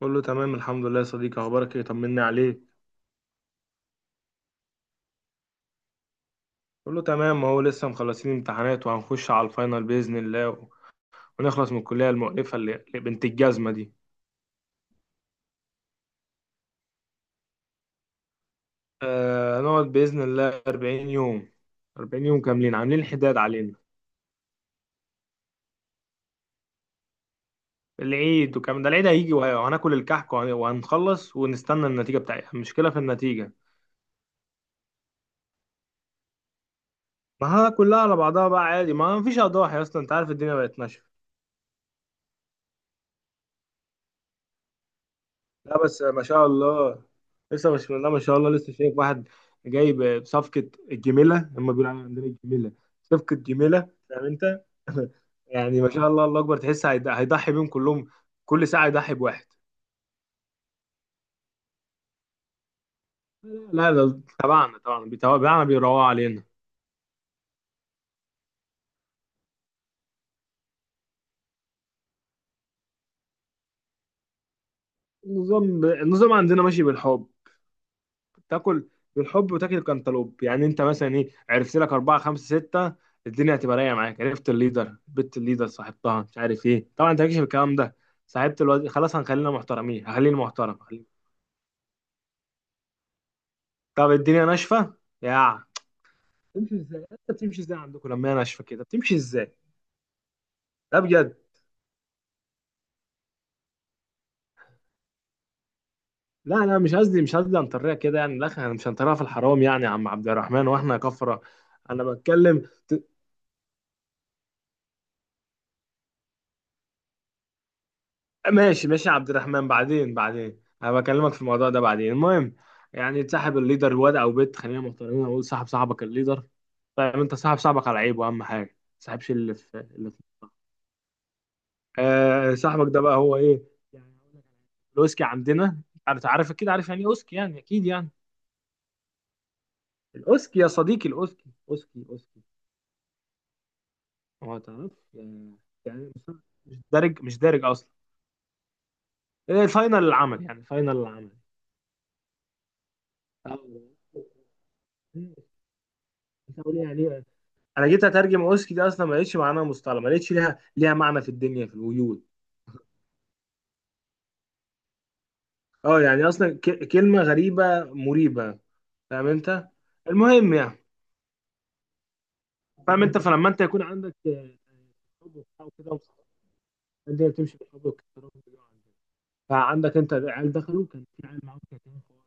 كله تمام الحمد لله يا صديقي، اخبارك ايه؟ طمني عليك. كله تمام اهو، لسه مخلصين امتحانات وهنخش على الفاينل باذن الله ونخلص من الكليه المؤلفه اللي بنت الجزمه دي. آه هنقعد باذن الله 40 يوم، 40 يوم كاملين عاملين حداد علينا. العيد وكمان، ده العيد هيجي وهناكل الكحك وهنخلص ونستنى النتيجه بتاعتها. المشكله في النتيجه. ما ها، كلها على بعضها بقى عادي، ما فيش اضاحي اصلا، انت عارف الدنيا بقت ماشيه. لا بس ما شاء الله. لسه مش لا ما شاء الله لسه شايف واحد جايب بصفقة الجميلة، لما بيقولوا عليها عندنا الجميلة، صفقة جميلة، فاهم انت. يعني ما شاء الله، الله اكبر، تحس هيضحي بيهم كلهم، كل ساعة يضحي بواحد. لا ده تبعنا طبعا، بيتابعنا بيروقوا علينا. النظام، عندنا ماشي بالحب. تاكل. بالحب وتاكل كنتالوب. يعني انت مثلا ايه، عرفت لك اربعه خمسه سته، الدنيا هتبقى رايقه معاك. عرفت الليدر، بنت الليدر، صاحبتها، مش عارف ايه. طبعا انت مالكش في الكلام ده. صاحبت الواد، خلاص، هنخلينا محترمين، هخليني محترم، طب الدنيا ناشفه. يا تمشي ازاي؟ انت بتمشي ازاي عندكم لما هي ناشفه كده، بتمشي ازاي؟ لا بجد. لا لا، مش قصدي انطريها كده، يعني لا، احنا مش هنطريها في الحرام يعني، يا عم عبد الرحمن واحنا كفره. انا بتكلم. ماشي ماشي يا عبد الرحمن، بعدين بعدين، انا بكلمك في الموضوع ده بعدين. المهم، يعني تصاحب الليدر، واد او بنت، خلينا محترمين، اقول صاحب صاحبك الليدر. طيب، انت صاحب صاحبك على عيبه، اهم حاجه ما تصاحبش اللي في اللي في. آه، صاحبك ده بقى هو ايه، يعني هقول لك على حاجة. الاوسكي عندنا، انت عارف اكيد، عارف يعني ايه اوسكي، يعني اكيد يعني. الاوسكي يا صديقي، الاوسكي، اوسكي اوسكي. هو تعرف يعني، يعني مش دارج، اصلا. إيه، فاينل العمل، يعني فاينل العمل. آه. انت قول يعني. انا جيت اترجم اوسكي دي اصلا، ما لقيتش معناها، مصطلح ما لقيتش ليها معنى في الدنيا، في الوجود. اه يعني اصلا كلمه غريبه مريبه، فاهم انت. المهم يعني، فاهم انت. فلما انت يكون عندك آه، حب وبتاع وكده، الدنيا بتمشي بالحب والاحترام. بيجوا عندنا، فعندك انت عيال دخلوا، كان في عيال معاهم كاتبين في ورقة.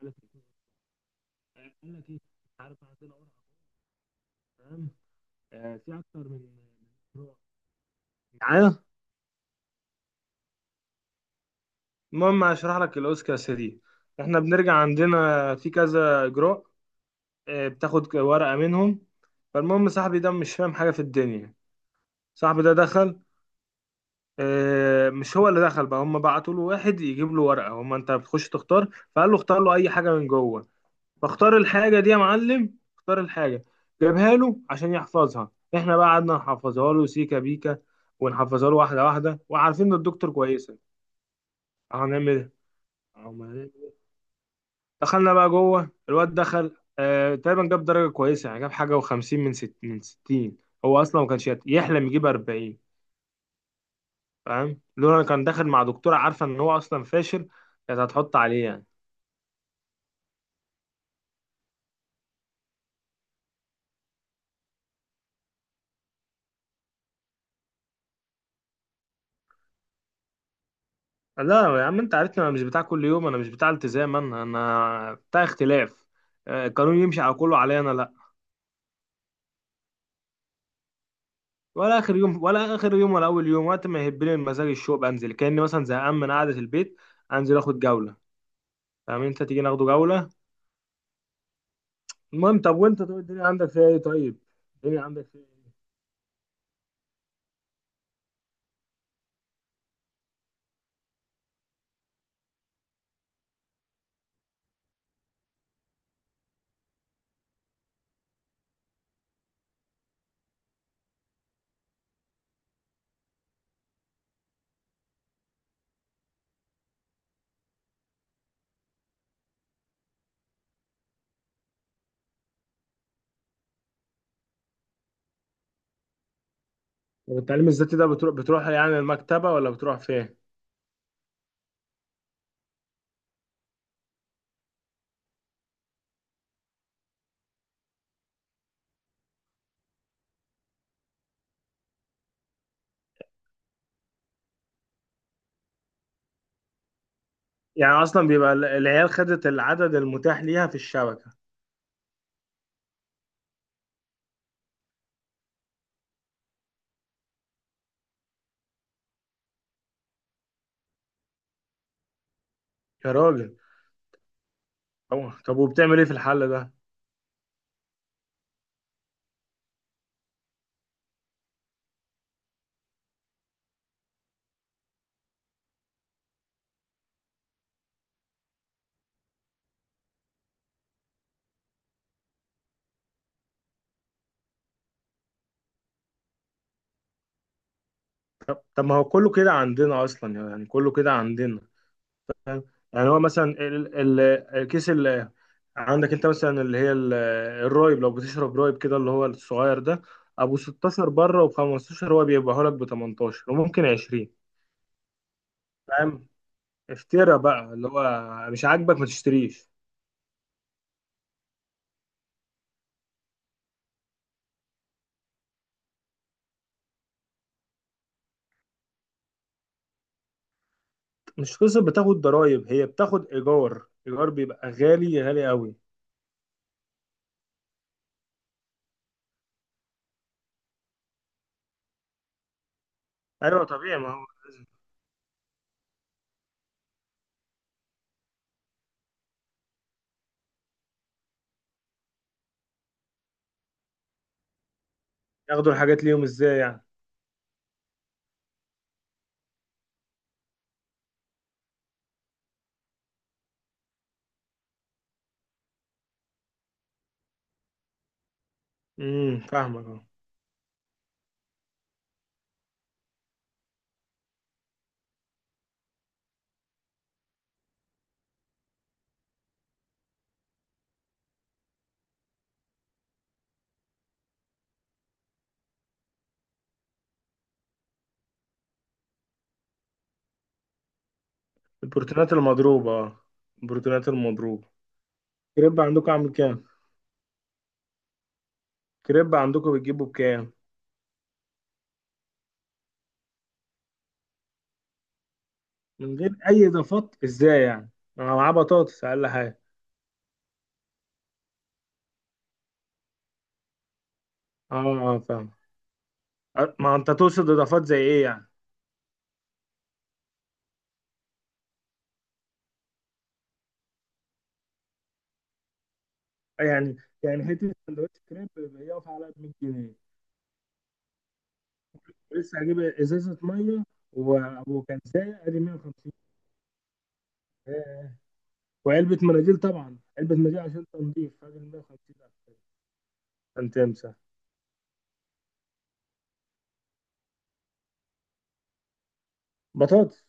قال لك ايه؟ قال لك ايه؟ مش عارف، عندنا ورقه، تمام، آه، في اكتر من نوع معايا. المهم هشرح لك الاوسكار دي. احنا بنرجع عندنا في كذا اجراء، آه، بتاخد ورقة منهم. فالمهم صاحبي ده مش فاهم حاجة في الدنيا. صاحبي ده دخل، آه، مش هو اللي دخل بقى، هم بعتوا له واحد يجيب له ورقة، هم انت بتخش تختار. فقال له اختار له اي حاجة من جوه، فاختار الحاجة دي يا معلم، اختار الحاجة، جابها له عشان يحفظها. احنا بقى قعدنا نحفظها له سيكا بيكا ونحفظها له واحدة واحدة، وعارفين ان الدكتور كويسة. هنعمل ايه؟ دخلنا بقى جوه، الواد دخل آه، تقريبا جاب درجه كويسه، يعني جاب حاجه و50 من ست، من 60. هو اصلا ما كانش يحلم يجيب 40. فاهم، لولا كان داخل مع دكتوره عارفه ان هو اصلا فاشل، كانت هتحط عليه يعني. لا يا عم، انت عارفني انا مش بتاع كل يوم، انا مش بتاع التزام، انا بتاع اختلاف. آه، القانون يمشي على كله، عليا انا لا. ولا اخر يوم، ولا اول يوم، وقت ما يهبني المزاج الشوق بنزل، كاني مثلا زهقان من قعده البيت انزل اخد جوله. فاهم انت، تيجي ناخده جوله. المهم طب وانت، طب الدنيا عندك فيها ايه طيب؟ الدنيا عندك فيها ايه؟ والتعليم الذاتي ده بتروح، يعني المكتبة، ولا بتروح فين؟ يعني اصلا بيبقى العيال خدت العدد المتاح ليها في الشبكة. يا راجل، طب وبتعمل ايه في الحل ده؟ طب, ما هو كله كده عندنا اصلا، يعني كله كده عندنا. يعني هو مثلا ال- الكيس اللي عندك انت، مثلا اللي هي الرايب، لو بتشرب رايب كده، اللي هو الصغير ده ابو 16 بره، و15 هو بيبيعه لك ب 18، وممكن 20. اشترى بقى اللي هو، مش عاجبك ما تشتريش. مش قصة بتاخد ضرايب، هي بتاخد إيجار، إيجار بيبقى غالي، غالي قوي. أيوة طبيعي، ما هو لازم. ياخدوا الحاجات ليهم إزاي يعني؟ امم، فاهمك اه. البروتينات المضروبة اه، البروتينات المضروبة. كريب عندكم عامل كام؟ كريب عندكم بتجيبه بكام؟ من غير أي إضافات إزاي يعني؟ أنا معاه بطاطس أقل حاجة. اه، اه فاهم. أه، ما أنت تقصد إضافات زي إيه يعني؟ يعني يعني حتة سندوتش كريب بيقف على 100 جنيه. لسه هجيب ازازه ميه و- وكنزايه ادي 150. ياه. وعلبه مناديل، طبعا علبه مناديل عشان تنظيف ادي 150. عشان تمسح بطاطس.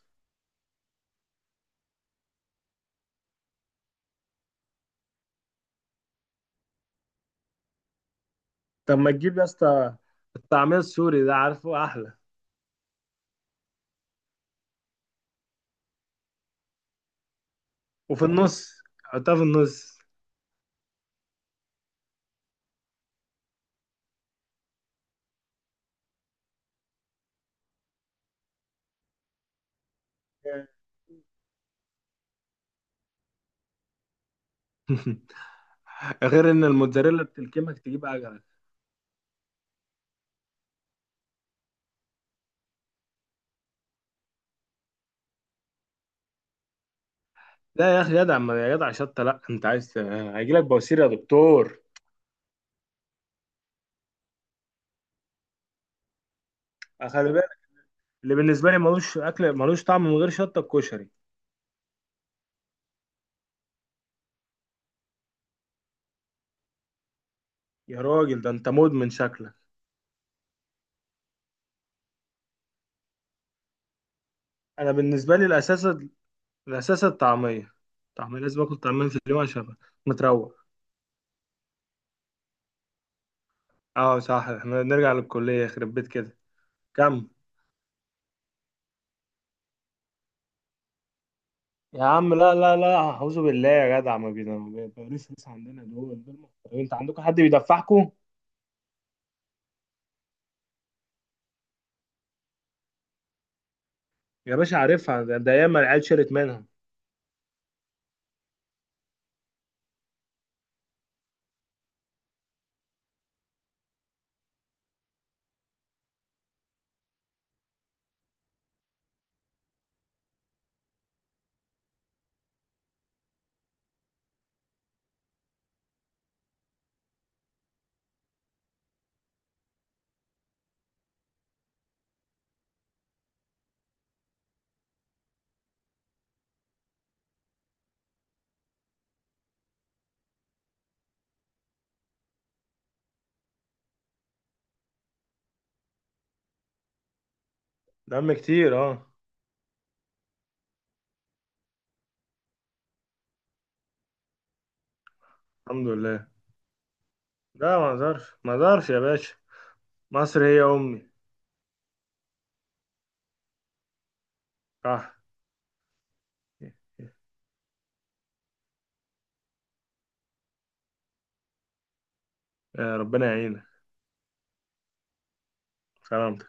طب ما تجيب يا اسطى الطعميه السوري ده، عارفه احلى، وفي النص، حطها في النص. ياه. غير ان الموتزاريلا بتلكمك تجيب عجله. لا يا اخي جدع، ما يا جدع شطه، لا، انت عايز هيجي لك بواسير يا دكتور. خلي بالك. اللي بالنسبه لي ملوش اكل، ملوش طعم من غير شطه، الكشري. يا راجل، ده انت مدمن شكلك. انا بالنسبه لي الاساس، الاساس الطعميه. طعميه لازم اكل طعمين في اليوم عشان أبقى متروق. اه صح، احنا نرجع للكليه، يخرب بيت كده. كم؟ يا عم لا لا لا، اعوذ بالله يا جدع، ما بيبقاش ناس عندنا، دول دول محترمين. انت عندكم حد بيدفعكم؟ يا باشا عارفها، ده ياما العيال شرت منها. دم كتير اه. الحمد لله. لا ما اقدرش، ما اقدرش يا باشا. مصر هي امي. صح. يا ربنا يعينك. سلام.